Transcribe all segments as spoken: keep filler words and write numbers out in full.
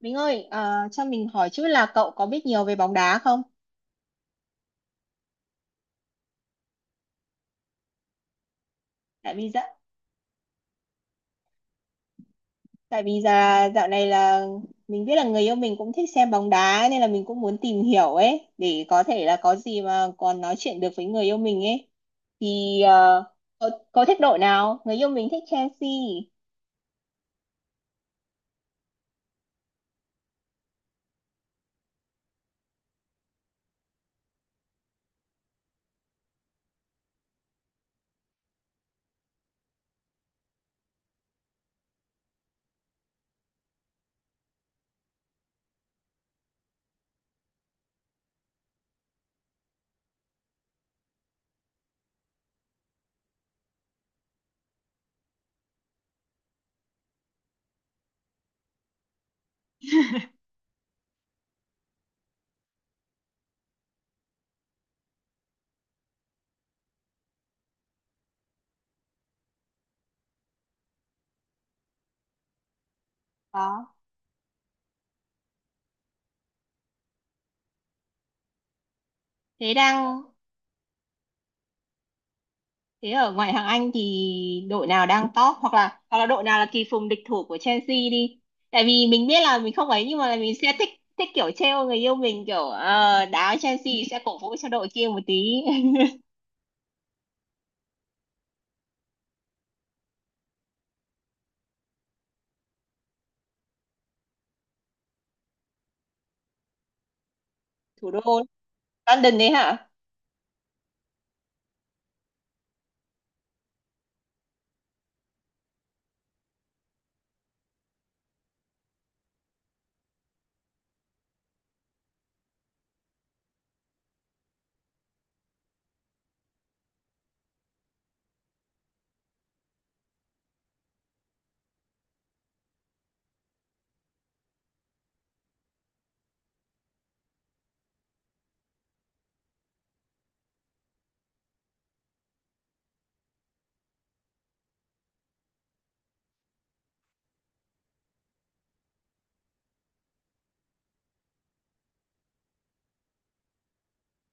Mình ơi, ờ, cho mình hỏi chút là cậu có biết nhiều về bóng đá không? Tại vì dạ, Tại vì dạ, dạo này là mình biết là người yêu mình cũng thích xem bóng đá ấy, nên là mình cũng muốn tìm hiểu ấy để có thể là có gì mà còn nói chuyện được với người yêu mình ấy. Thì ờ, cậu, cậu thích đội nào? Người yêu mình thích Chelsea. Đó. Thế đang Thế ở ngoại hạng Anh thì đội nào đang top hoặc là hoặc là đội nào là kỳ phùng địch thủ của Chelsea đi. Tại vì mình biết là mình không ấy, nhưng mà mình sẽ thích thích kiểu trêu người yêu mình, kiểu ờ, đá Chelsea sẽ cổ vũ cho đội kia một tí. Thủ đô London đấy hả?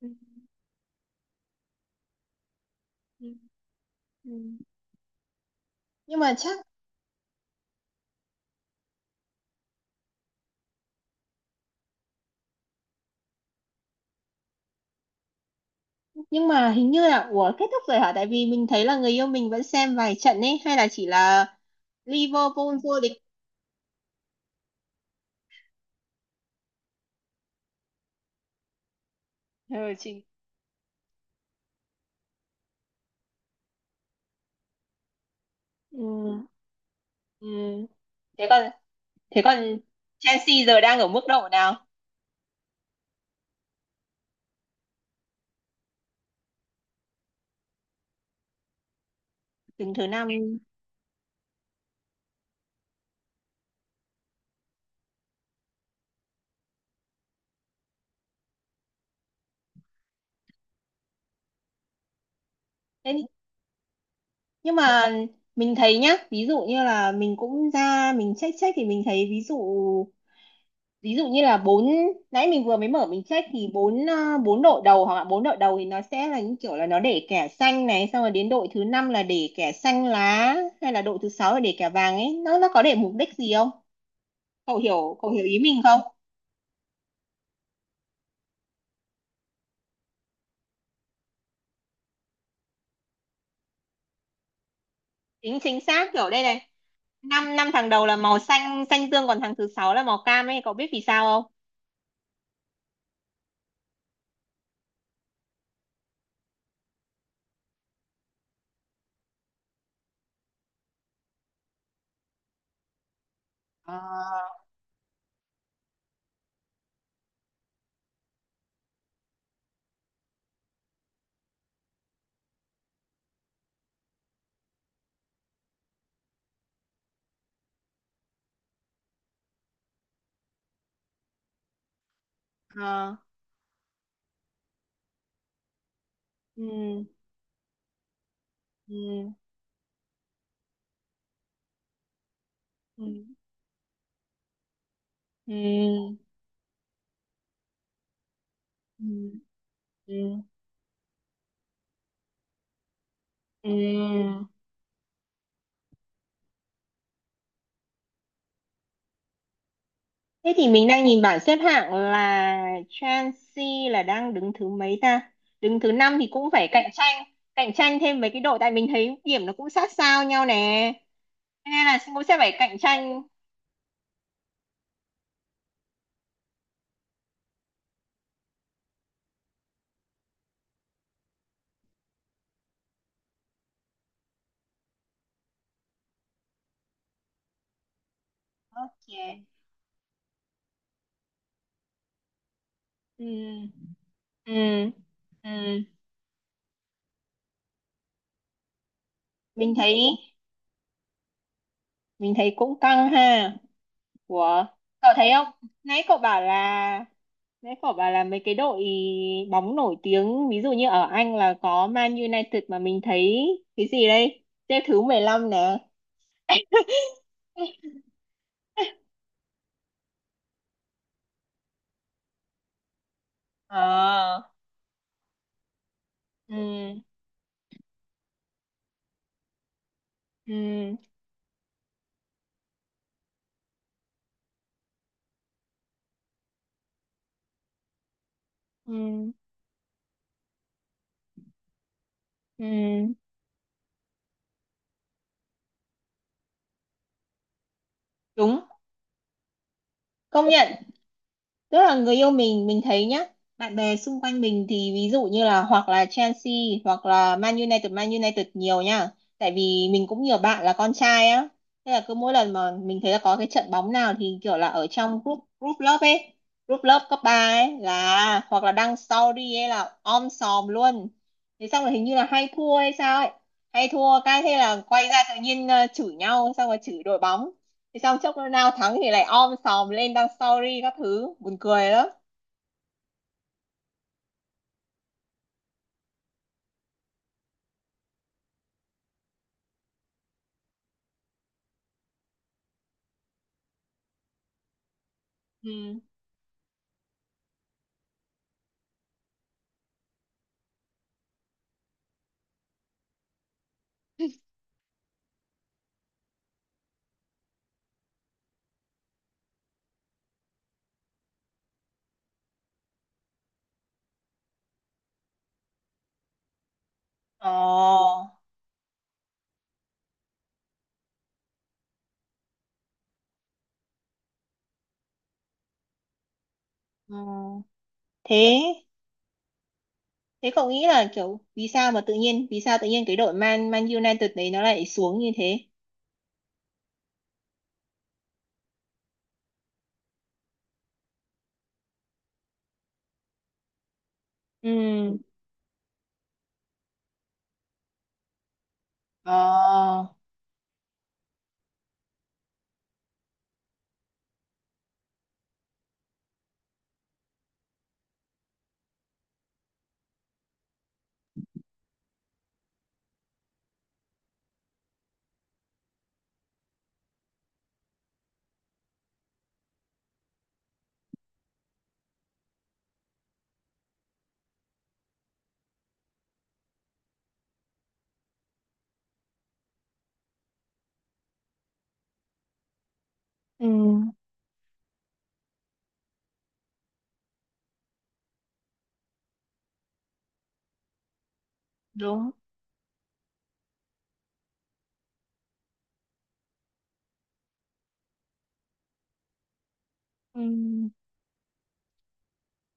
Ừ, ừ, ừ. Nhưng mà chắc nhưng mà hình như là, ủa, kết thúc rồi hả? Tại vì mình thấy là người yêu mình vẫn xem vài trận ấy, hay là chỉ là Liverpool vô địch. Ừ, chị. Ừ. Ừ. Thế còn thế còn Chelsea giờ đang ở mức độ nào? Đứng thứ năm. thế thì- nhưng mà mình thấy nhá, ví dụ như là mình cũng ra mình check check thì mình thấy ví dụ ví dụ như là bốn, nãy mình vừa mới mở mình check thì bốn ờ, bốn đội đầu, hoặc là bốn đội đầu thì nó sẽ là những kiểu là nó để kẻ xanh này, xong rồi đến đội thứ năm là để kẻ xanh lá, hay là đội thứ sáu là để kẻ vàng ấy, nó nó có để mục đích gì không? Cậu hiểu cậu hiểu ý mình không? Chính chính xác, kiểu đây này. Năm năm thằng đầu là màu xanh xanh dương, còn thằng thứ sáu là màu cam ấy, cậu biết vì sao không? Ờ. Ờ. Ừ, ừ, ừ, ừ, ừ, ừ, ừ. Thế thì mình đang nhìn bảng xếp hạng là Chelsea là đang đứng thứ mấy ta? Đứng thứ năm thì cũng phải cạnh tranh, cạnh tranh thêm mấy cái đội, tại mình thấy điểm nó cũng sát sao nhau nè. Thế nên là cũng sẽ phải cạnh tranh. Ok. Ừ. Ừ. Ừ. Mình thấy mình thấy cũng căng ha. Ủa, cậu thấy không? Nãy cậu bảo là Nãy cậu bảo là mấy cái đội bóng nổi tiếng, ví dụ như ở Anh là có Man United, mà mình thấy cái gì đây? Xếp thứ mười lăm nè. Ờ. Ừ. Ừ. Ừ. Ừ. Đúng. Công nhận, tức là người yêu mình mình thấy nhá, bạn bè xung quanh mình thì ví dụ như là hoặc là Chelsea, hoặc là Man United, Man United nhiều nha, tại vì mình cũng nhiều bạn là con trai á. Thế là cứ mỗi lần mà mình thấy là có cái trận bóng nào thì kiểu là ở trong group group lớp ấy, group lớp cấp ba ấy, là hoặc là đăng story ấy là om sòm luôn. Thế xong rồi hình như là hay thua hay sao ấy, hay thua cái thế là quay ra tự nhiên ờ, chửi nhau, xong rồi chửi đội bóng. Thì xong chốc nó nào thắng thì lại om sòm lên đăng story các thứ buồn cười lắm. Ừ. Ồ, ờ, ừ. Thế thế cậu nghĩ là kiểu, vì sao mà tự nhiên vì sao tự nhiên cái đội Man Man United đấy nó lại xuống như thế? Ừ. Ờ, ừ. Đúng. Ừ.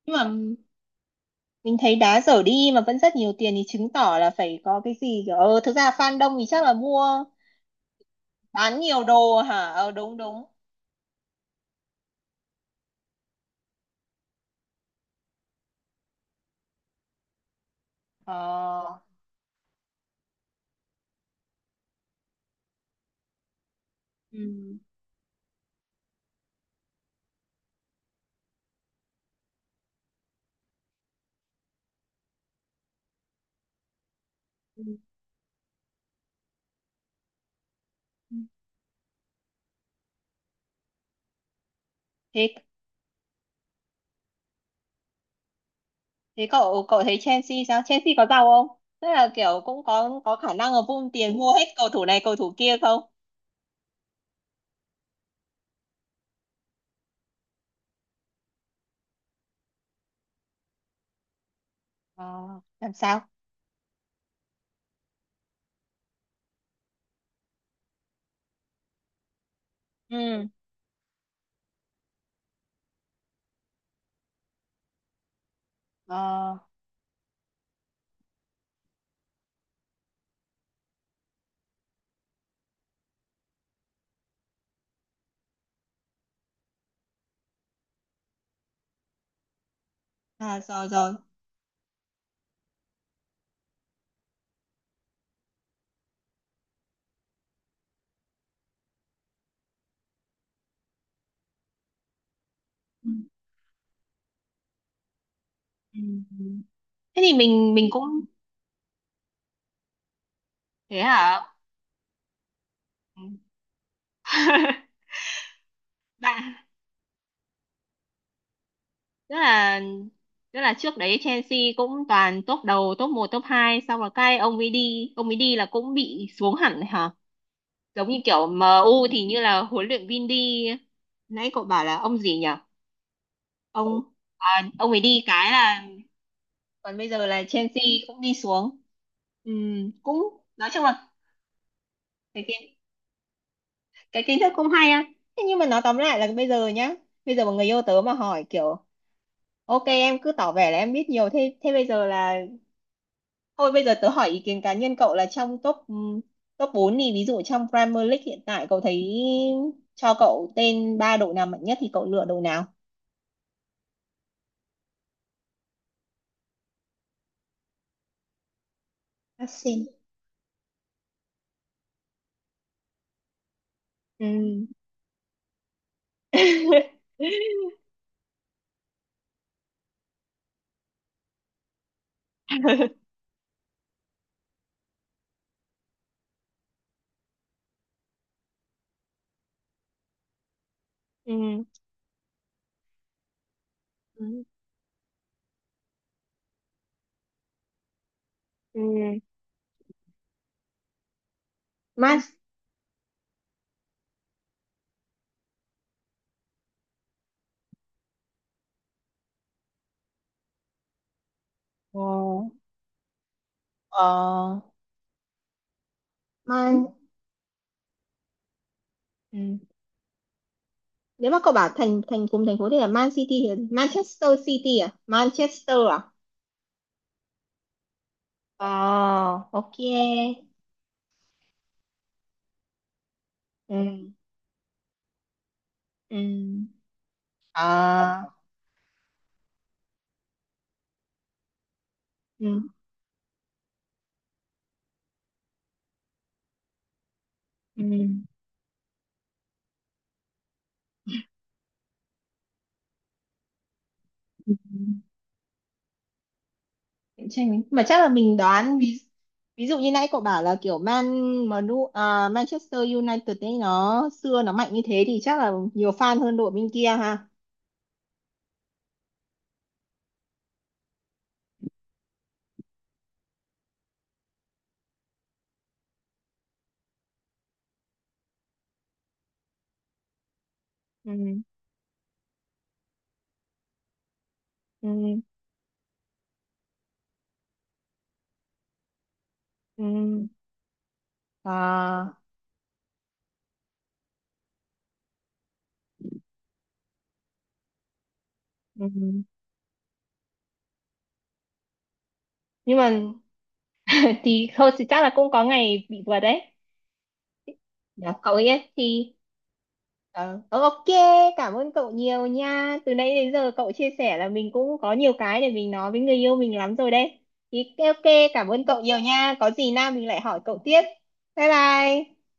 Nhưng mà mình thấy đá dở đi mà vẫn rất nhiều tiền thì chứng tỏ là phải có cái gì, kiểu ờ, thực ra fan đông thì chắc là mua bán nhiều đồ hả? Ờ, đúng đúng. Ờ, ừ. Ừ. thế Thế cậu cậu thấy Chelsea sao? Chelsea có giàu không? Tức là kiểu cũng có có khả năng là vung tiền mua hết cầu thủ này, cầu thủ kia không? Ờ, làm sao? Ừ. Ờ, à, rồi rồi. Ừ. Ừ. Thế thì mình mình cũng thế hả? Ừ. Tức là tức là trước đấy Chelsea cũng toàn top đầu, top một, top hai, xong rồi cái ông ấy đi, ông ấy đi là cũng bị xuống hẳn hả? Giống như kiểu em u thì như là huấn luyện viên đi, nãy cậu bảo là ông gì nhỉ? Ông à, ông ấy đi cái là, còn bây giờ là Chelsea cũng đi xuống. Ừm, cũng nói chung là cái kiến cái kiến thức cũng hay á. Thế nhưng mà nói tóm lại là bây giờ nhá, bây giờ mà người yêu tớ mà hỏi kiểu, ok em cứ tỏ vẻ là em biết nhiều thế, thế bây giờ là thôi bây giờ tớ hỏi ý kiến cá nhân cậu là trong top, ừm, top bốn thì ví dụ trong Premier League hiện tại, cậu thấy, cho cậu tên ba đội nào mạnh nhất thì cậu lựa đội nào? Arsenal. Ừm. Ừm. Ừ. Ừ. Man ờ, ờ, Man Ừ. Nếu mà cậu bảo thành thành cùng thành phố thì là Man City, thì là Manchester City à? Manchester à? Ờ, ok. Ừ. Ừ. À, ừ. Ừ. Ừ. Cạnh tranh ấy, mà chắc là mình đoán, ví ví dụ như nãy cậu bảo là kiểu Man Manu à, Manchester United ấy, nó xưa nó mạnh như thế thì chắc là nhiều fan hơn đội bên kia ha. Ừ. Ừ. Ừ. À. Ừ. Nhưng mà thì thôi, thì chắc là cũng có ngày bị vượt đấy. Dạ, cậu ấy thì ờ, ờ, ok, cảm ơn cậu nhiều nha, từ nãy đến giờ cậu chia sẻ là mình cũng có nhiều cái để mình nói với người yêu mình lắm rồi đấy, thì ok, cảm ơn cậu nhiều nha, có gì nào mình lại hỏi cậu tiếp. Bye bye.